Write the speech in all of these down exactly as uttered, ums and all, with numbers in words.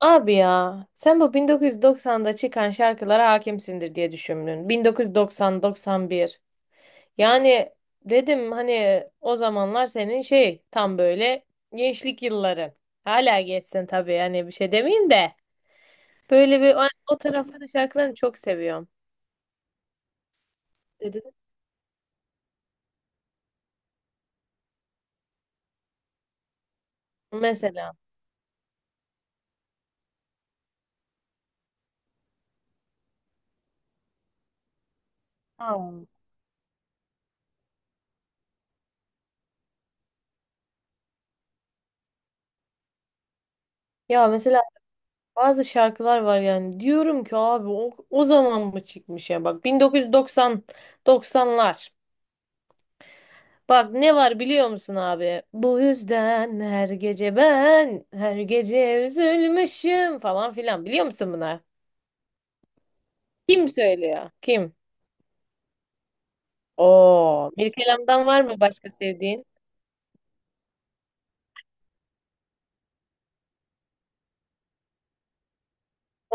Abi ya sen bu bin dokuz yüz doksanda çıkan şarkılara hakimsindir diye düşündün. bin dokuz yüz doksan-doksan bir. Yani dedim hani o zamanlar senin şey tam böyle gençlik yılların. Hala geçsin tabii yani bir şey demeyeyim de. Böyle bir o, o tarafta da şarkılarını çok seviyorum. Dedi. Mesela. Ha. Ya mesela bazı şarkılar var yani diyorum ki abi o, o zaman mı çıkmış ya bak bin dokuz yüz doksan doksanlar. Bak ne var biliyor musun abi? Bu yüzden her gece ben her gece üzülmüşüm falan filan. Biliyor musun buna? Kim söylüyor? Kim? Oo, Mirkelam'dan var mı başka sevdiğin?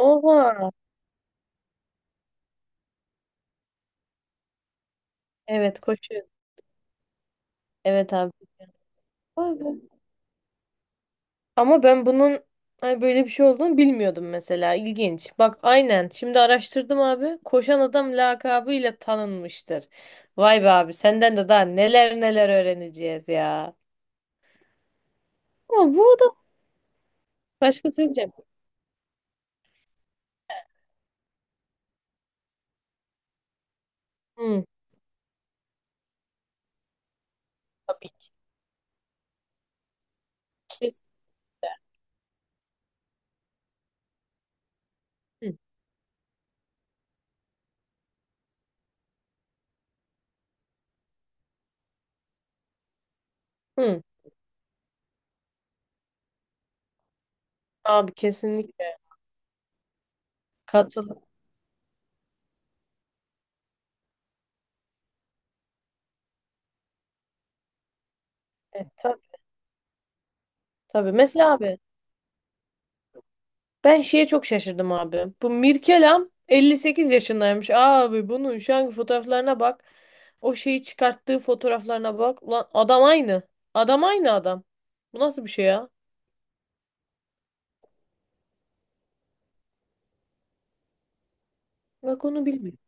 Oha. Evet, koşuyor. Evet, abi. Vay be. Ama ben bunun ay böyle bir şey olduğunu bilmiyordum mesela. İlginç. Bak aynen. Şimdi araştırdım abi. Koşan adam lakabıyla tanınmıştır. Vay be abi senden de daha neler neler öğreneceğiz ya. Ama bu adam Başka söyleyeceğim. Hı, tabii. Kes. Hı, hı. Abi kesinlikle katıl. E, tabii, tabii. Mesela abi ben şeye çok şaşırdım abi. Bu Mirkelam elli sekiz yaşındaymış. Abi bunun şu anki fotoğraflarına bak. O şeyi çıkarttığı fotoğraflarına bak. Ulan adam aynı. Adam aynı adam. Bu nasıl bir şey ya? Bak onu bilmiyorum.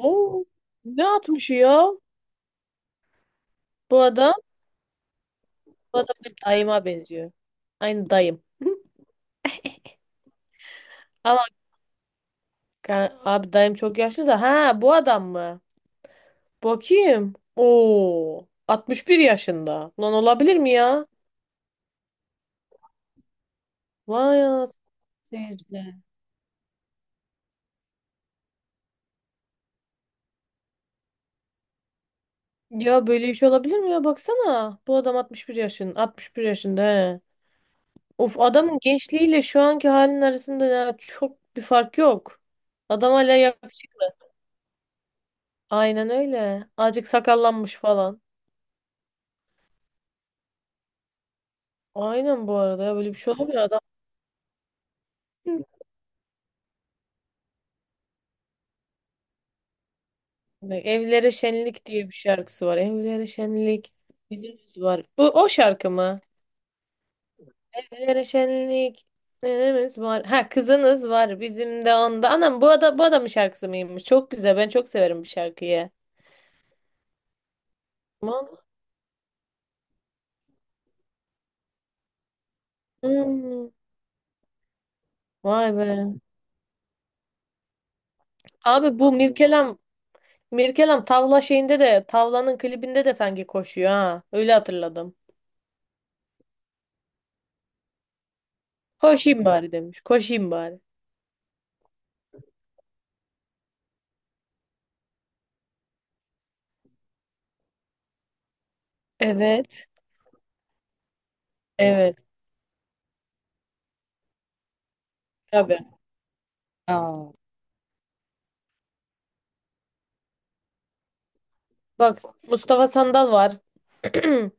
Oo, ne atmış ya bu adam? Bu adam benim dayıma benziyor. Aynı dayım. Ama Ka- abi dayım çok yaşlı da. Ha bu adam mı? Bakayım. Oo. altmış bir yaşında. Lan olabilir mi ya? Vay anasını seyirciler. Ya böyle iş olabilir mi ya? Baksana. Bu adam altmış bir yaşın. altmış bir yaşında he. Of adamın gençliğiyle şu anki halinin arasında ya çok bir fark yok. Adam hala yakışık. Aynen öyle. Azıcık sakallanmış falan. Aynen bu arada ya böyle bir şey olabilir adam. Bak, Evlere Şenlik diye bir şarkısı var. Evlere Şenlik günümüz var. Bu o şarkı mı? Evlere Şenlik günümüz var. Ha kızınız var bizim de onda. Anam bu adam bu adamın şarkısı mıymış? Çok güzel. Ben çok severim bu şarkıyı. Aman. Hmm. Vay be. Abi bu Mirkelam Mirkelam tavla şeyinde de tavlanın klibinde de sanki koşuyor ha. Öyle hatırladım. Koşayım bari demiş. Koşayım bari. Evet. Evet. Tabii. Aa. Bak Mustafa Sandal var.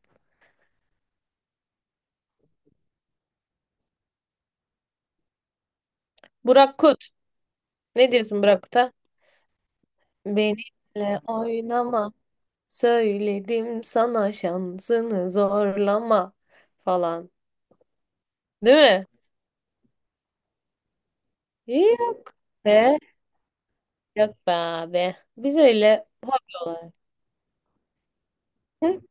Burak Kut. Ne diyorsun Burak Kut'a? Benimle oynama. Söyledim sana şansını zorlama falan. Değil mi? İyi be. Yok be abi. Biz öyle hobi olarak. Hı?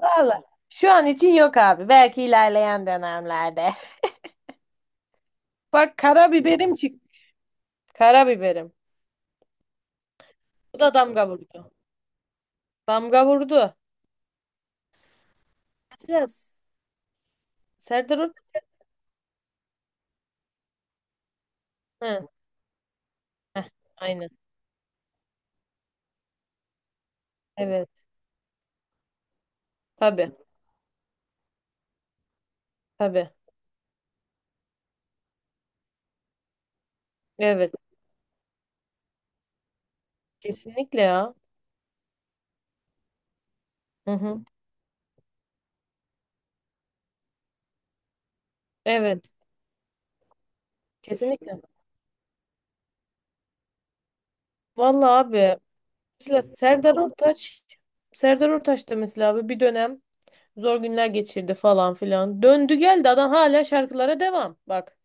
Vallahi. Şu an için yok abi. Belki ilerleyen dönemlerde. Bak karabiberim çıktı. Karabiberim. Bu da damga vurdu. Damga vurdu. Biraz. Serdar Ortaç. Hı. Heh, aynen. Evet. Tabii. Tabii. Evet. Kesinlikle ya. Hı hı. Evet, kesinlikle. Vallahi abi mesela Serdar Ortaç Serdar Ortaç da mesela abi bir dönem zor günler geçirdi falan filan. Döndü geldi adam hala şarkılara devam. Bak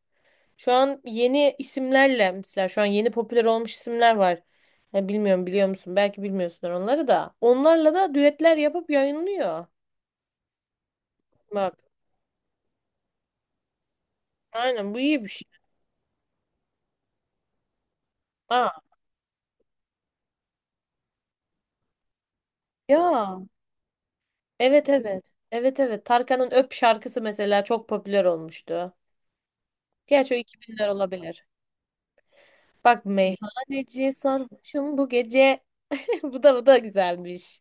şu an yeni isimlerle mesela şu an yeni popüler olmuş isimler var. Ya bilmiyorum biliyor musun? Belki bilmiyorsun onları da. Onlarla da düetler yapıp yayınlıyor. Bak aynen bu iyi bir şey. Aa, ya evet evet. Evet evet. Tarkan'ın Öp şarkısı mesela çok popüler olmuştu. Gerçi o iki binler olabilir. Bak meyhaneci sarhoşum bu gece. Bu da bu da güzelmiş.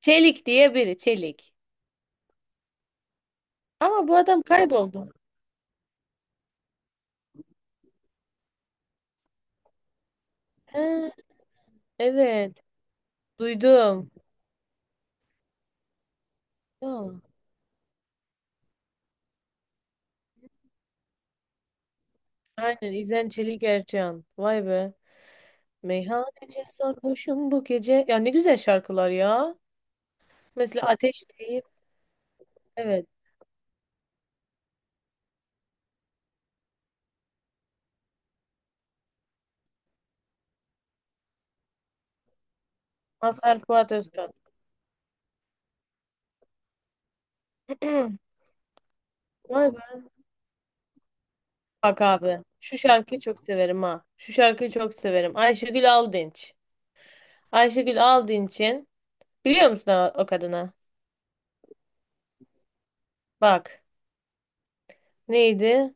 Çelik diye biri Çelik. Ama bu adam kayboldu. He, evet, duydum. Ya, aynen İzen Çelik Ercan. Vay be. Meyhaneci sarhoşum bu gece. Ya ne güzel şarkılar ya. Mesela Ateş deyip evet. Mazhar Fuat Özkan. Vay be. Bak abi. Şu şarkıyı çok severim ha. Şu şarkıyı çok severim. Ayşegül Aldınç. Ayşegül aldığın için biliyor musun o, o kadını? Bak neydi?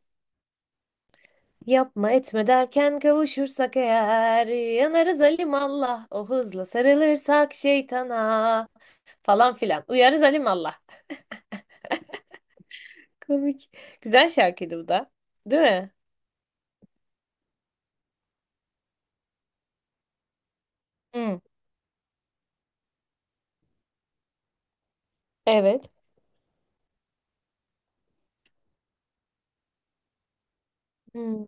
Yapma etme derken kavuşursak eğer yanarız alim Allah o hızla sarılırsak şeytana falan filan uyarız alim Allah. Komik. Güzel şarkıydı bu da. Değil mi? Hı, evet. Hmm.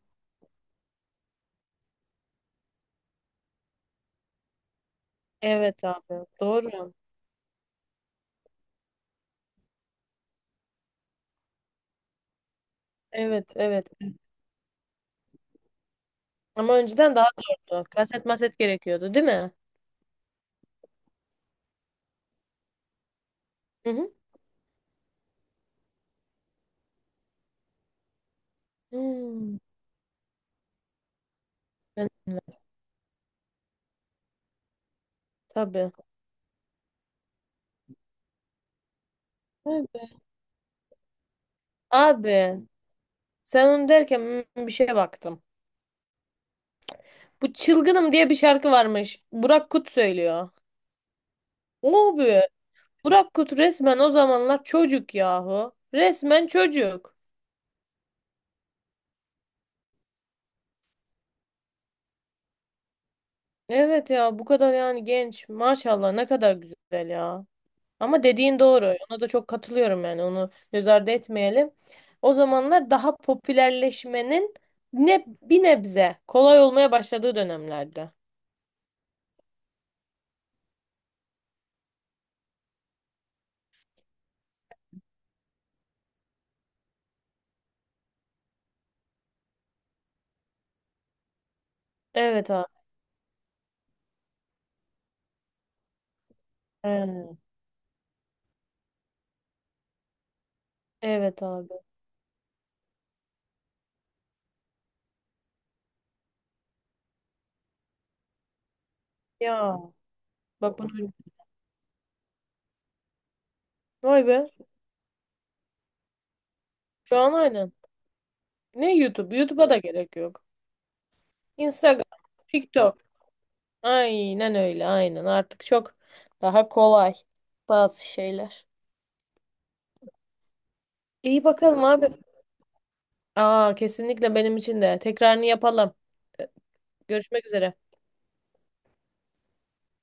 Evet abi doğru. Evet evet. Ama önceden daha zordu. Kaset maset gerekiyordu değil mi? Hı hı. Hmm. Ben- Tabii. Tabii. Abi sen onu derken hmm, bir şeye baktım. Bu Çılgınım diye bir şarkı varmış. Burak Kut söylüyor. O be. Burak Kut resmen o zamanlar çocuk yahu. Resmen çocuk. Evet ya bu kadar yani genç. Maşallah ne kadar güzel ya. Ama dediğin doğru. Ona da çok katılıyorum yani. Onu göz ardı etmeyelim. O zamanlar daha popülerleşmenin ne bir nebze kolay olmaya başladığı dönemlerde. Evet abi. Evet evet abi. Ya bak bunu Vay be. Şu an aynen. Ne YouTube? YouTube'a da gerek yok. Instagram, TikTok. Aynen öyle, aynen. Artık çok daha kolay bazı şeyler. İyi bakalım abi. Aa, kesinlikle benim için de. Tekrarını yapalım. Görüşmek üzere.